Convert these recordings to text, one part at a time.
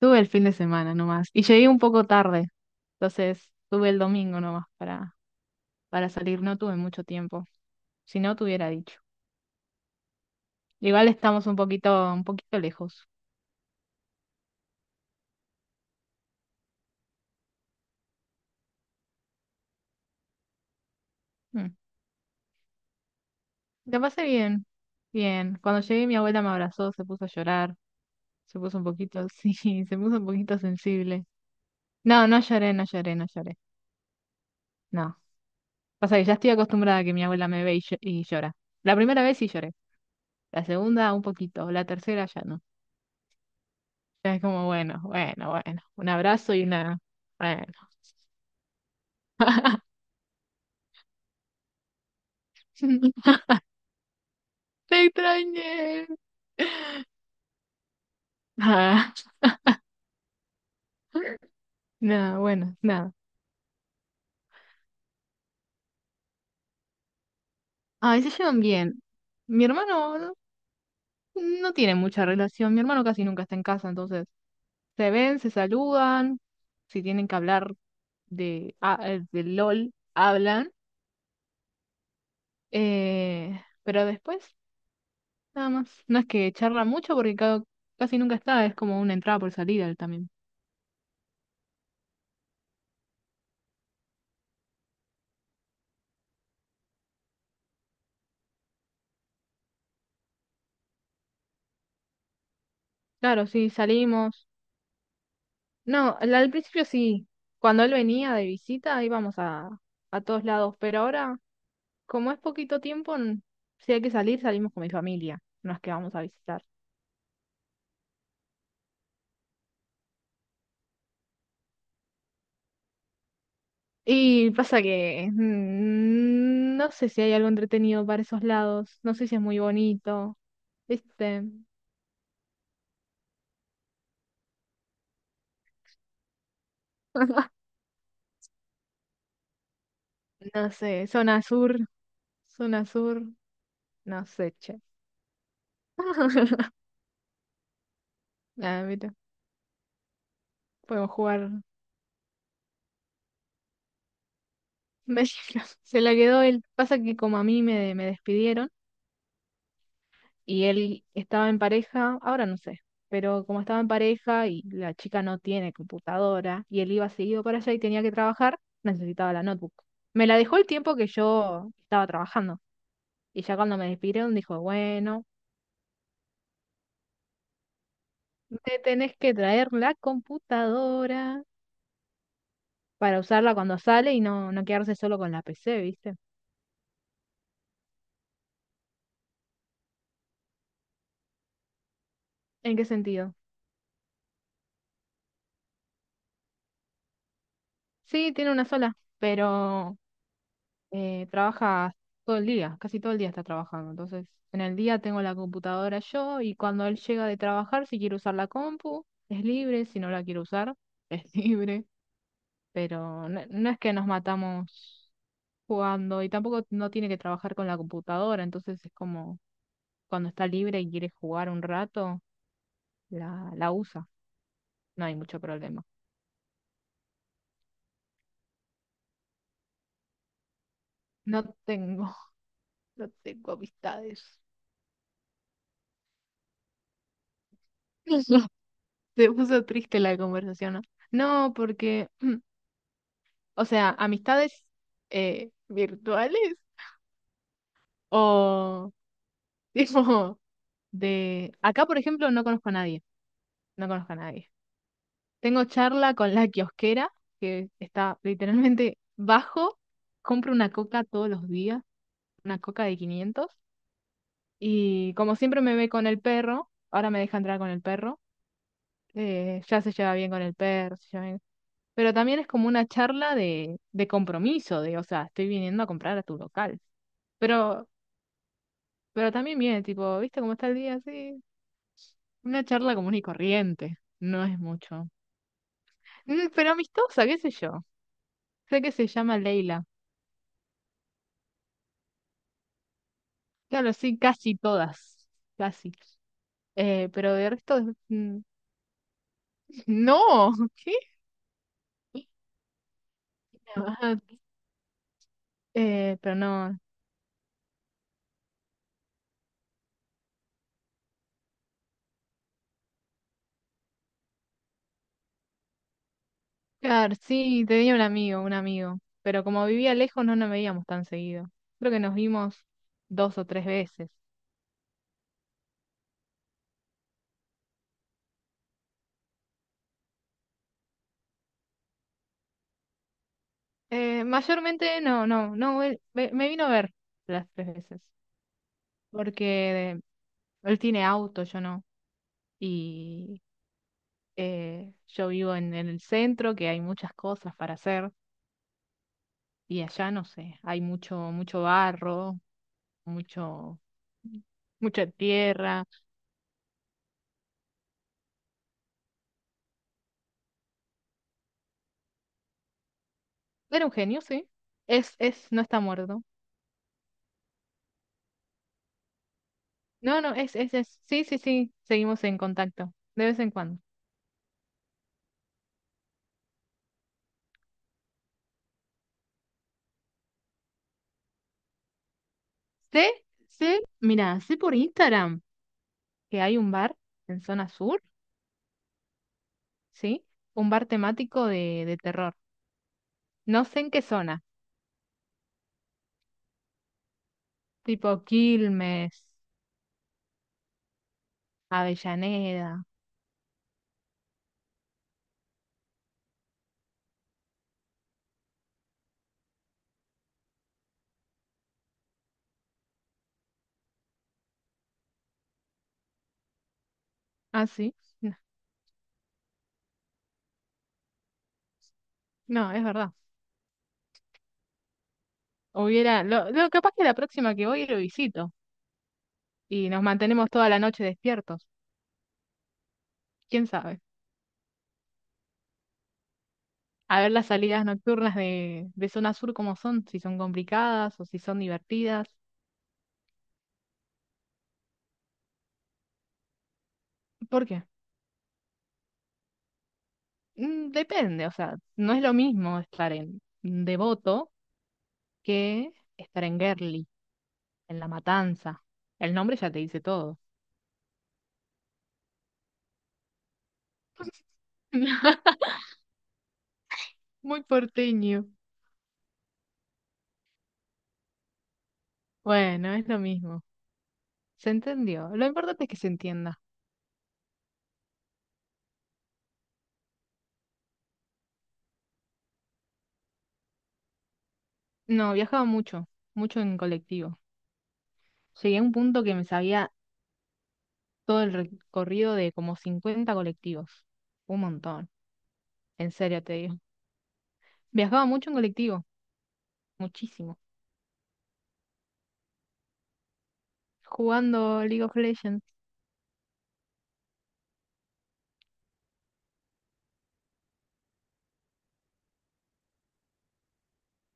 Tuve el fin de semana nomás. Y llegué un poco tarde. Entonces, tuve el domingo nomás para salir. No tuve mucho tiempo. Si no, te hubiera dicho. Igual estamos un poquito lejos. Mm. La pasé bien. Bien. Cuando llegué, mi abuela me abrazó, se puso a llorar. Se puso un poquito, sí, se puso un poquito sensible. No, no lloré, no lloré, no lloré. No. Pasa que ya estoy acostumbrada a que mi abuela me ve y y llora. La primera vez sí lloré. La segunda, un poquito. La tercera, ya no. Era como, bueno, bueno, bueno, un abrazo y una... Bueno, te extrañé. Ah, nada, bueno, nada. A veces llevan bien. Mi hermano no no tiene mucha relación, mi hermano casi nunca está en casa, entonces se ven, se saludan, si tienen que hablar de LOL, hablan, pero después nada más. No es que charla mucho porque casi nunca está, es como una entrada por salida él también. Claro, sí, salimos. No, al principio sí. Cuando él venía de visita íbamos a todos lados, pero ahora, como es poquito tiempo, si hay que salir, salimos con mi familia, no es que vamos a visitar. Y pasa que no sé si hay algo entretenido para esos lados, no sé si es muy bonito, ¿viste? No sé, zona sur, no sé, che. Nada, mira, podemos jugar. Se la quedó él. Pasa que como me despidieron. Y él estaba en pareja, ahora no sé, pero como estaba en pareja y la chica no tiene computadora y él iba seguido para allá y tenía que trabajar, necesitaba la notebook. Me la dejó el tiempo que yo estaba trabajando y ya cuando me despidieron dijo, bueno, te tenés que traer la computadora para usarla cuando sale y no, no quedarse solo con la PC, ¿viste? ¿En qué sentido? Sí, tiene una sola, pero trabaja todo el día, casi todo el día está trabajando. Entonces, en el día tengo la computadora yo y cuando él llega de trabajar, si quiere usar la compu, es libre, si no la quiere usar, es libre. Pero no, no es que nos matamos jugando y tampoco no tiene que trabajar con la computadora, entonces es como cuando está libre y quiere jugar un rato, la usa, no hay mucho problema. No tengo, no tengo amistades. Se puso triste la conversación, ¿no? No, porque O sea, amistades virtuales o tipo de... Acá, por ejemplo, no conozco a nadie, no conozco a nadie. Tengo charla con la kiosquera, que está literalmente bajo, compro una coca todos los días, una coca de 500 y como siempre me ve con el perro, ahora me deja entrar con el perro, ya se lleva bien con el perro, Pero también es como una charla de compromiso, de, o sea, estoy viniendo a comprar a tu local. Pero Pero también viene, tipo, ¿viste cómo está el día? Así una charla común y corriente. No es mucho. Mm, pero amistosa, qué sé yo. Sé que se llama Leila. Claro, sí, casi todas. Casi. Pero de resto, mm, no. ¿Qué? Ah, pero no. Claro, sí, tenía un amigo, un amigo. Pero como vivía lejos, no nos veíamos tan seguido. Creo que nos vimos dos o tres veces. Mayormente, no, no, no. Me vino a ver las tres veces. Porque él tiene auto, yo no. Y yo vivo en el centro, que hay muchas cosas para hacer, y allá no sé, hay mucho, mucho barro, mucho, mucha tierra. Era un genio, sí. Es, no está muerto. No, no, es, es. Sí, sí, sí, seguimos en contacto, de vez en cuando. Sé, sé, mira, sé por Instagram que hay un bar en zona sur, ¿sí? Un bar temático de terror. No sé en qué zona. Tipo Quilmes, Avellaneda. Ah, sí. No, no, es verdad. Hubiera, capaz que la próxima que voy lo visito y nos mantenemos toda la noche despiertos. ¿Quién sabe? A ver las salidas nocturnas de zona sur cómo son, si son complicadas o si son divertidas. ¿Por qué? Mm, depende, o sea, no es lo mismo estar en Devoto que estar en Gerli, en La Matanza. El nombre ya te dice todo. Muy porteño. Bueno, es lo mismo. Se entendió. Lo importante es que se entienda. No, viajaba mucho, mucho en colectivo. Llegué a un punto que me sabía todo el recorrido de como 50 colectivos. Un montón, en serio te digo. Viajaba mucho en colectivo, muchísimo. Jugando League of Legends.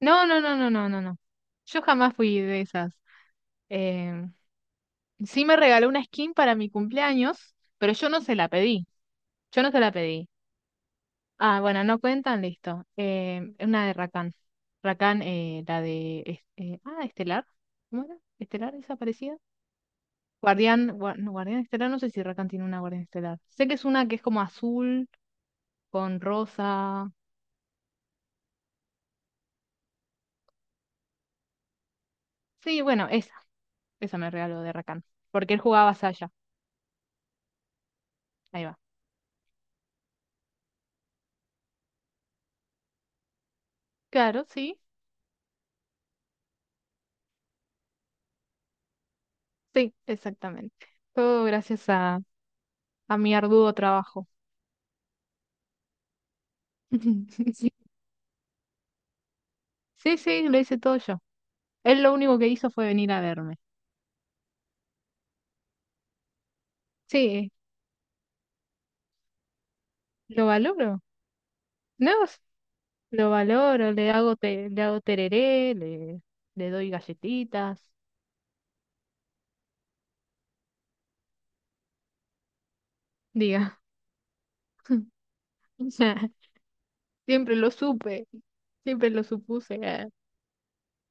No, no, no, no, no, no, no. Yo jamás fui de esas. Eh, sí me regaló una skin para mi cumpleaños, pero yo no se la pedí. Yo no se la pedí. Ah, bueno, no cuentan, listo. Una de Rakan. Rakan, la de... es- ah, Estelar. ¿Cómo era? ¿Estelar esa parecida? Guardián Estelar, no sé si Rakan tiene una Guardián Estelar. Sé que es una que es como azul, con rosa. Sí, bueno, esa. Esa me regaló de Rakan. Porque él jugaba Saya. Ahí va. Claro, sí. Sí, exactamente. Todo gracias a mi arduo trabajo. Sí, sí, lo hice todo yo. Él lo único que hizo fue venir a verme. Sí, lo valoro. No, s- lo valoro, le hago tereré, le doy galletitas, diga. O sea, siempre lo supe, siempre lo supuse.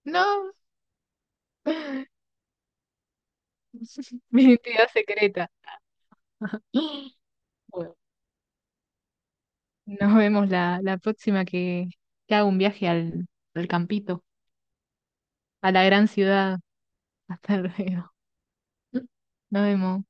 No, mi identidad secreta. Bueno, nos vemos la próxima que haga un viaje al campito, a la gran ciudad. Hasta luego. Nos vemos.